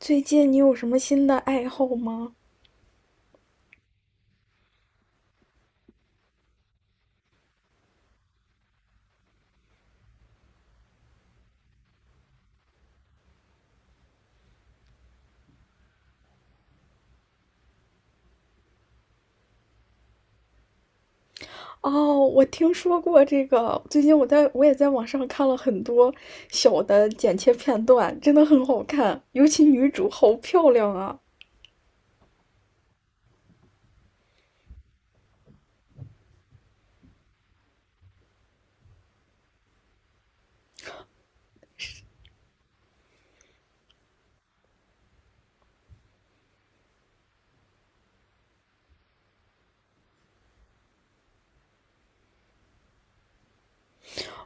最近你有什么新的爱好吗？哦，我听说过这个。最近我也在网上看了很多小的剪切片段，真的很好看，尤其女主好漂亮啊！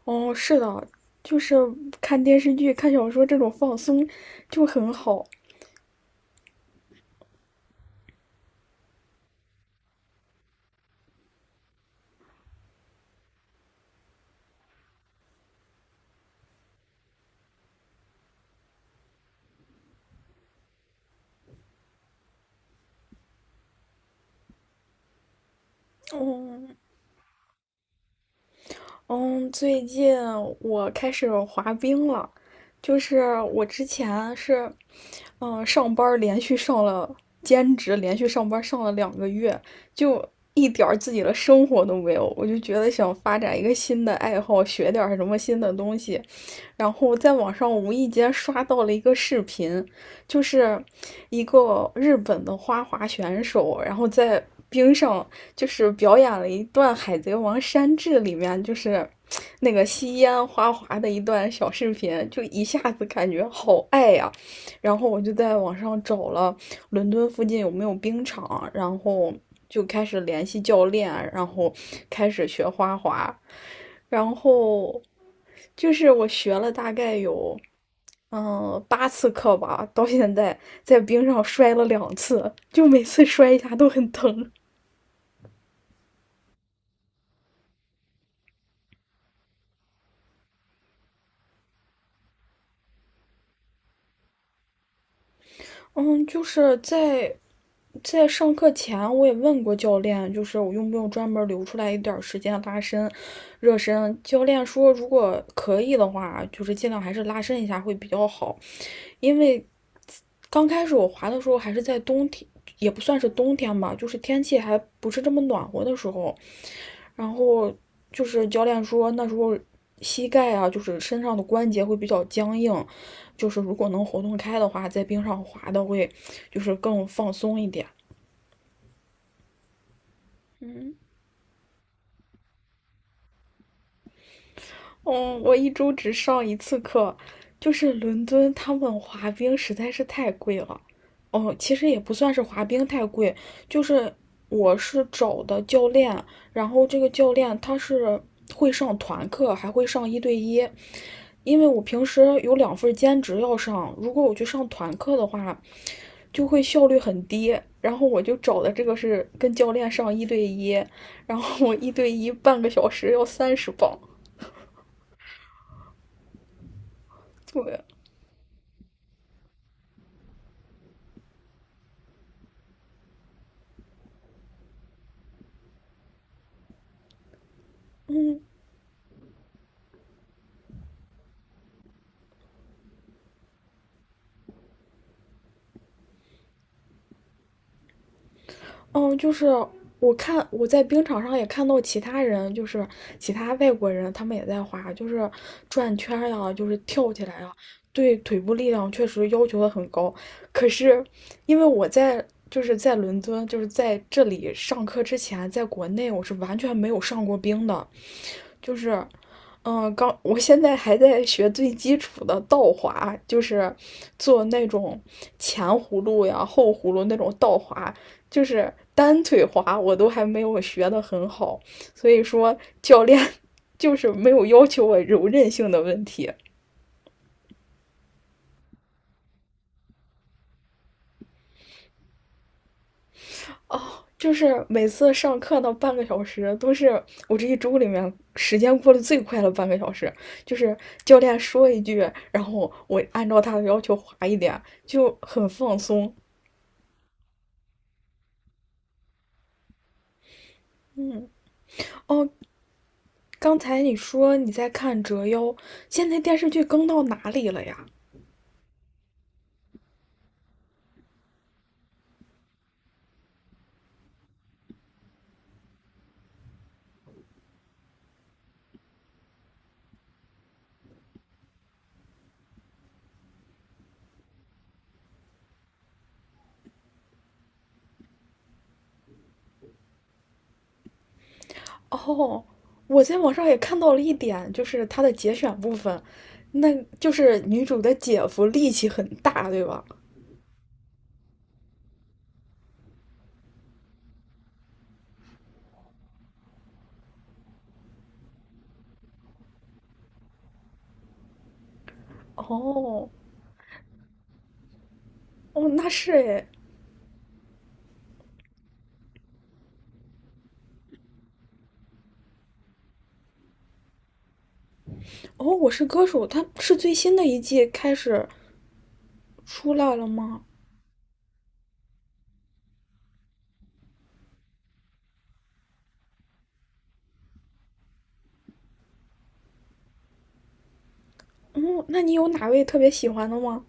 哦，是的，就是看电视剧、看小说这种放松就很好。哦，嗯，最近我开始滑冰了，就是我之前是，嗯，上班儿连续上了兼职，连续上班儿上了2个月，就一点儿自己的生活都没有，我就觉得想发展一个新的爱好，学点儿什么新的东西，然后在网上无意间刷到了一个视频，就是一个日本的花滑选手，然后在冰上就是表演了一段《海贼王山治》里面就是那个吸烟花滑的一段小视频，就一下子感觉好爱呀、啊然后我就在网上找了伦敦附近有没有冰场，然后就开始联系教练，然后开始学花滑，然后就是我学了大概有。嗯，8次课吧，到现在在冰上摔了两次，就每次摔一下都很疼。嗯，就是在上课前，我也问过教练，就是我用不用专门留出来一点儿时间拉伸、热身。教练说，如果可以的话，就是尽量还是拉伸一下会比较好。因为刚开始我滑的时候还是在冬天，也不算是冬天吧，就是天气还不是这么暖和的时候，然后就是教练说那时候膝盖啊，就是身上的关节会比较僵硬，就是如果能活动开的话，在冰上滑的会就是更放松一点。嗯。嗯，我一周只上一次课，就是伦敦他们滑冰实在是太贵了。哦，其实也不算是滑冰太贵，就是我是找的教练，然后这个教练他是会上团课，还会上一对一。因为我平时有两份兼职要上，如果我去上团课的话，就会效率很低。然后我就找的这个是跟教练上一对一，然后我一对一半个小时要30磅，对。嗯，就是我在冰场上也看到其他人，就是其他外国人，他们也在滑，就是转圈儿呀，就是跳起来呀，对腿部力量确实要求的很高。可是因为我在就是在伦敦，就是在这里上课之前，在国内我是完全没有上过冰的，就是，嗯，刚我现在还在学最基础的倒滑，就是做那种前葫芦呀、后葫芦那种倒滑，就是单腿滑，我都还没有学的很好，所以说教练 就是没有要求我柔韧性的问题，哦，就是每次上课那半个小时，都是我这一周里面时间过得最快的半个小时。就是教练说一句，然后我按照他的要求划一点，就很放松。嗯，哦，刚才你说你在看《折腰》，现在电视剧更到哪里了呀？哦，我在网上也看到了一点，就是它的节选部分，那就是女主的姐夫力气很大，对吧？哦，哦，那是诶，哦，我是歌手，它是最新的一季开始出来了吗？嗯，那你有哪位特别喜欢的吗？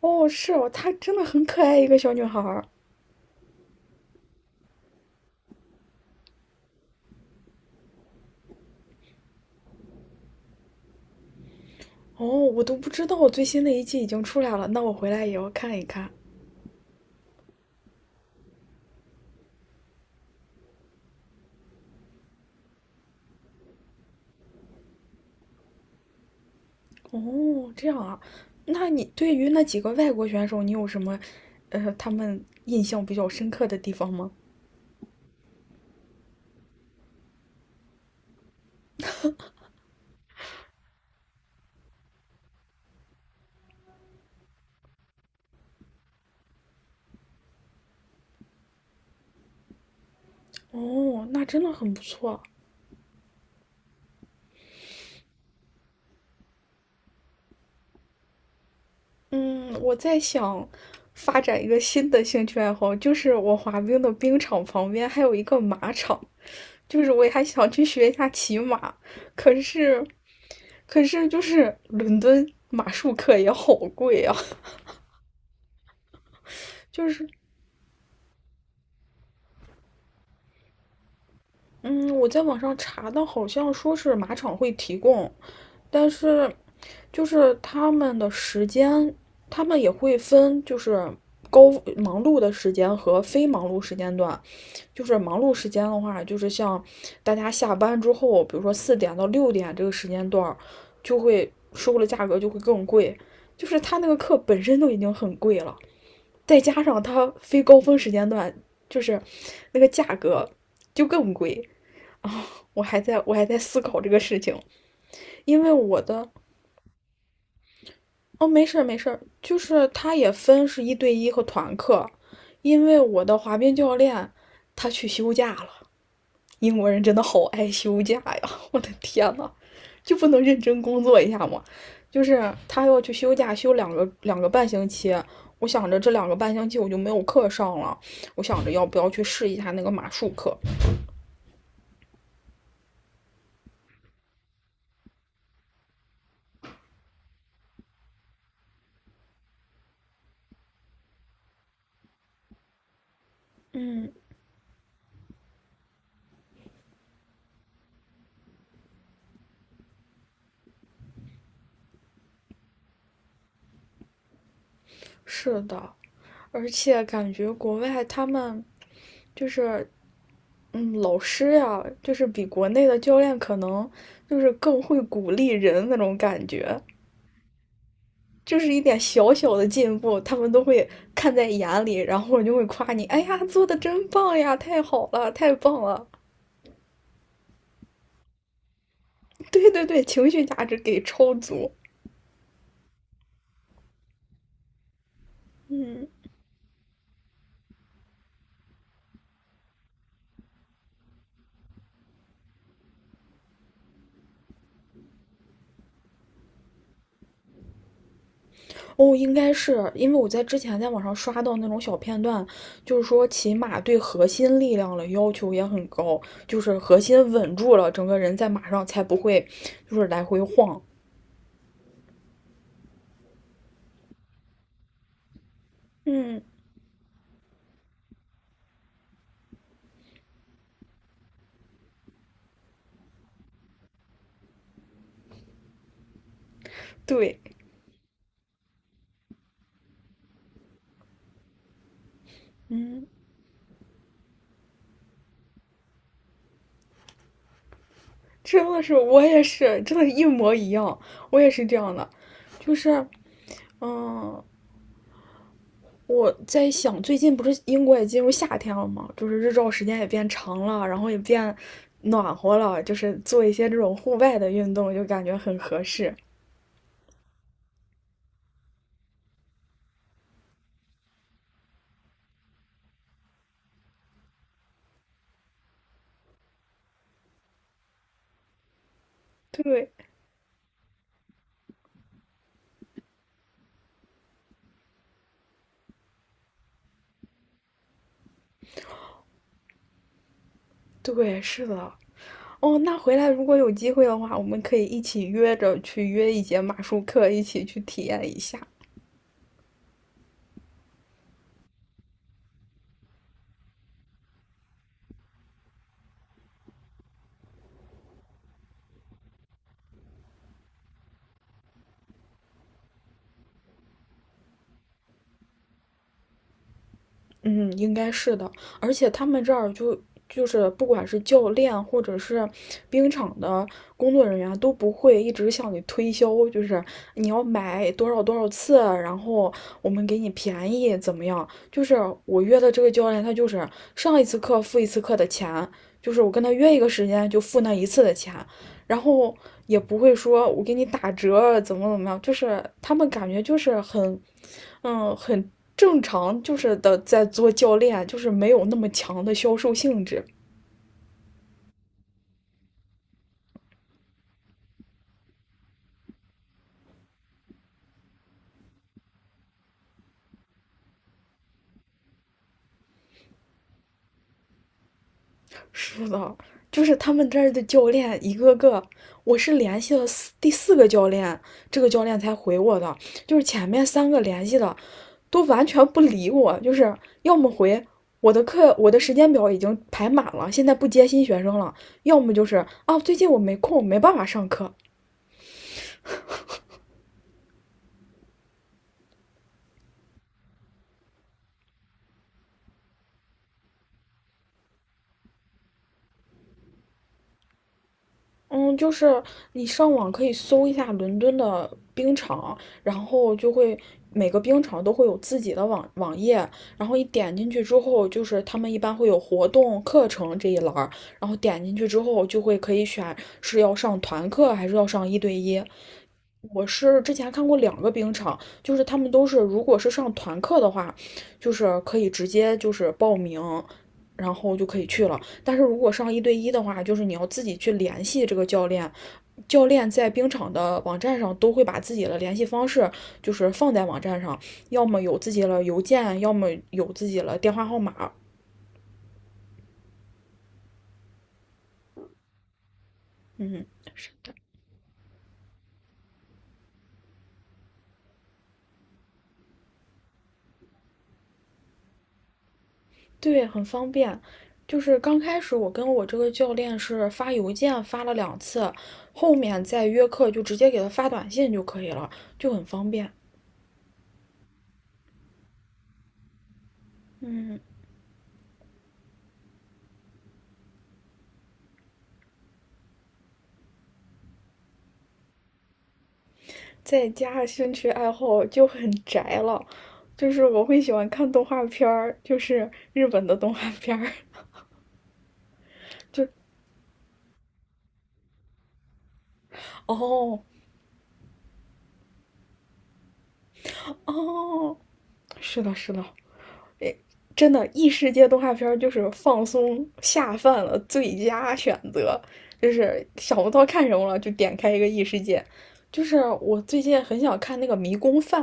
哦，是哦，她真的很可爱，一个小女孩儿。哦，我都不知道最新的一季已经出来了，那我回来也要看一看。哦，这样啊，那你对于那几个外国选手，你有什么，他们印象比较深刻的地方吗？哦，那真的很不错。嗯，我在想发展一个新的兴趣爱好，就是我滑冰的冰场旁边还有一个马场，就是我也还想去学一下骑马，可是，可是就是伦敦马术课也好贵啊，就是嗯，我在网上查的，好像说是马场会提供，但是就是他们的时间，他们也会分就是高忙碌的时间和非忙碌时间段。就是忙碌时间的话，就是像大家下班之后，比如说4点到6点这个时间段就会收的价格就会更贵。就是他那个课本身都已经很贵了，再加上他非高峰时间段，就是那个价格就更贵啊！我还在思考这个事情，因为我的哦，没事儿没事儿，就是他也分是一对一和团课，因为我的滑冰教练他去休假了。英国人真的好爱休假呀！我的天呐，就不能认真工作一下吗？就是他要去休假，休两个半星期。我想着这两个半星期我就没有课上了，我想着要不要去试一下那个马术课。是的，而且感觉国外他们就是，嗯，老师呀，就是比国内的教练可能就是更会鼓励人那种感觉。就是一点小小的进步，他们都会看在眼里，然后就会夸你，哎呀，做的真棒呀，太好了，太棒了。对对对，情绪价值给超足。嗯，哦，应该是因为我在之前在网上刷到那种小片段，就是说骑马对核心力量的要求也很高，就是核心稳住了，整个人在马上才不会就是来回晃。嗯，对，嗯，真的是我也是，真的，一模一样，我也是这样的，就是。嗯，我在想，最近不是英国也进入夏天了吗？就是日照时间也变长了，然后也变暖和了，就是做一些这种户外的运动，就感觉很合适。对，对，是的。哦，那回来如果有机会的话，我们可以一起约着去约一节马术课，一起去体验一下。嗯，应该是的，而且他们这儿就就是不管是教练或者是冰场的工作人员都不会一直向你推销，就是你要买多少多少次，然后我们给你便宜怎么样？就是我约的这个教练，他就是上一次课付一次课的钱，就是我跟他约一个时间就付那一次的钱，然后也不会说我给你打折啊怎么怎么样，就是他们感觉就是很，嗯，很正常，就是的在做教练，就是没有那么强的销售性质。是的，就是他们这儿的教练一个个，我是联系了第四个教练，这个教练才回我的，就是前面三个联系的都完全不理我，就是要么回我的课，我的时间表已经排满了，现在不接新学生了，要么就是啊最近我没空，没办法上课，嗯，就是你上网可以搜一下伦敦的冰场，然后就会每个冰场都会有自己的网页，然后一点进去之后，就是他们一般会有活动、课程这一栏儿，然后点进去之后就会可以选是要上团课还是要上一对一，我是之前看过两个冰场，就是他们都是，如果是上团课的话，就是可以直接就是报名，然后就可以去了。但是如果上一对一的话，就是你要自己去联系这个教练，教练在冰场的网站上都会把自己的联系方式就是放在网站上，要么有自己的邮件，要么有自己的电话号码。嗯，是的。对，很方便。就是刚开始我跟我这个教练是发邮件发了两次，后面再约课就直接给他发短信就可以了，就很方便。嗯，再加上兴趣爱好就很宅了，就是我会喜欢看动画片儿，就是日本的动画片儿。就哦哦，是的，是的，真的异世界动画片就是放松下饭的最佳选择，就是想不到看什么了就点开一个异世界。就是我最近很想看那个《迷宫饭》，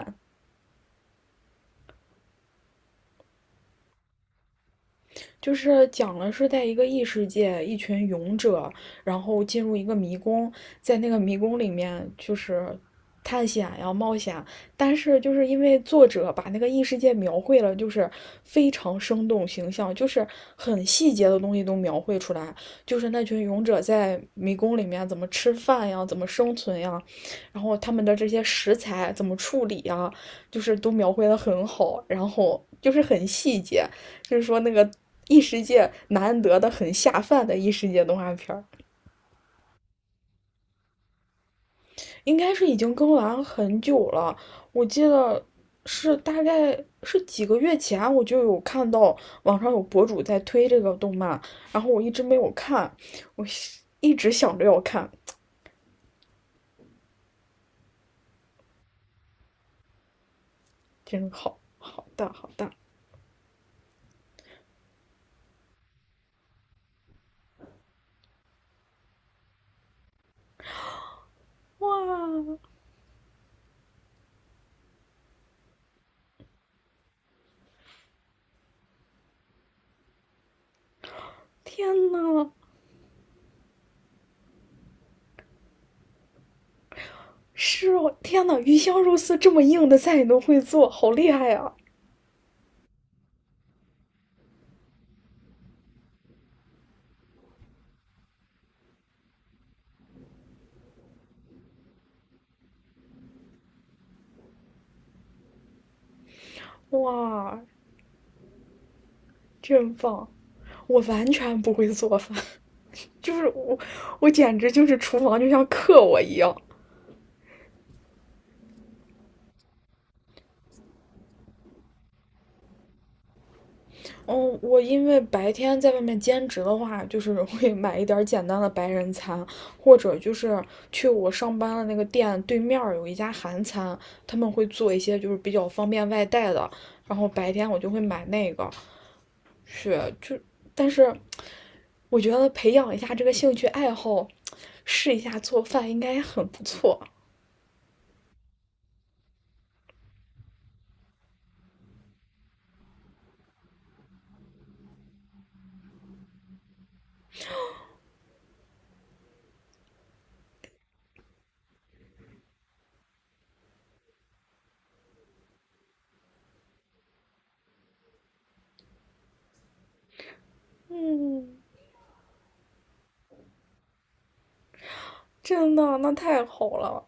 就是讲了是在一个异世界，一群勇者，然后进入一个迷宫，在那个迷宫里面就是探险呀、冒险，但是就是因为作者把那个异世界描绘了，就是非常生动形象，就是很细节的东西都描绘出来，就是那群勇者在迷宫里面怎么吃饭呀，怎么生存呀，然后他们的这些食材怎么处理呀，就是都描绘的很好，然后就是很细节，就是说那个异世界难得的很下饭的异世界动画片儿，应该是已经更完很久了。我记得是大概是几个月前，我就有看到网上有博主在推这个动漫，然后我一直没有看，我一直想着要看，真好好大好大哇！天呐，是哦，天呐，鱼香肉丝这么硬的菜你都会做，好厉害啊！哇，真棒！我完全不会做饭，就是我，我简直就是厨房就像克我一样。嗯，我因为白天在外面兼职的话，就是会买一点简单的白人餐，或者就是去我上班的那个店对面有一家韩餐，他们会做一些就是比较方便外带的，然后白天我就会买那个去，就但是我觉得培养一下这个兴趣爱好，试一下做饭应该很不错。嗯，真的，那太好了。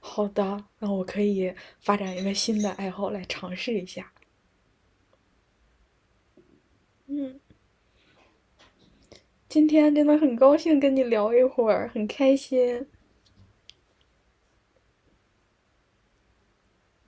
好的，那我可以发展一个新的爱好来尝试一下。嗯，今天真的很高兴跟你聊一会儿，很开心。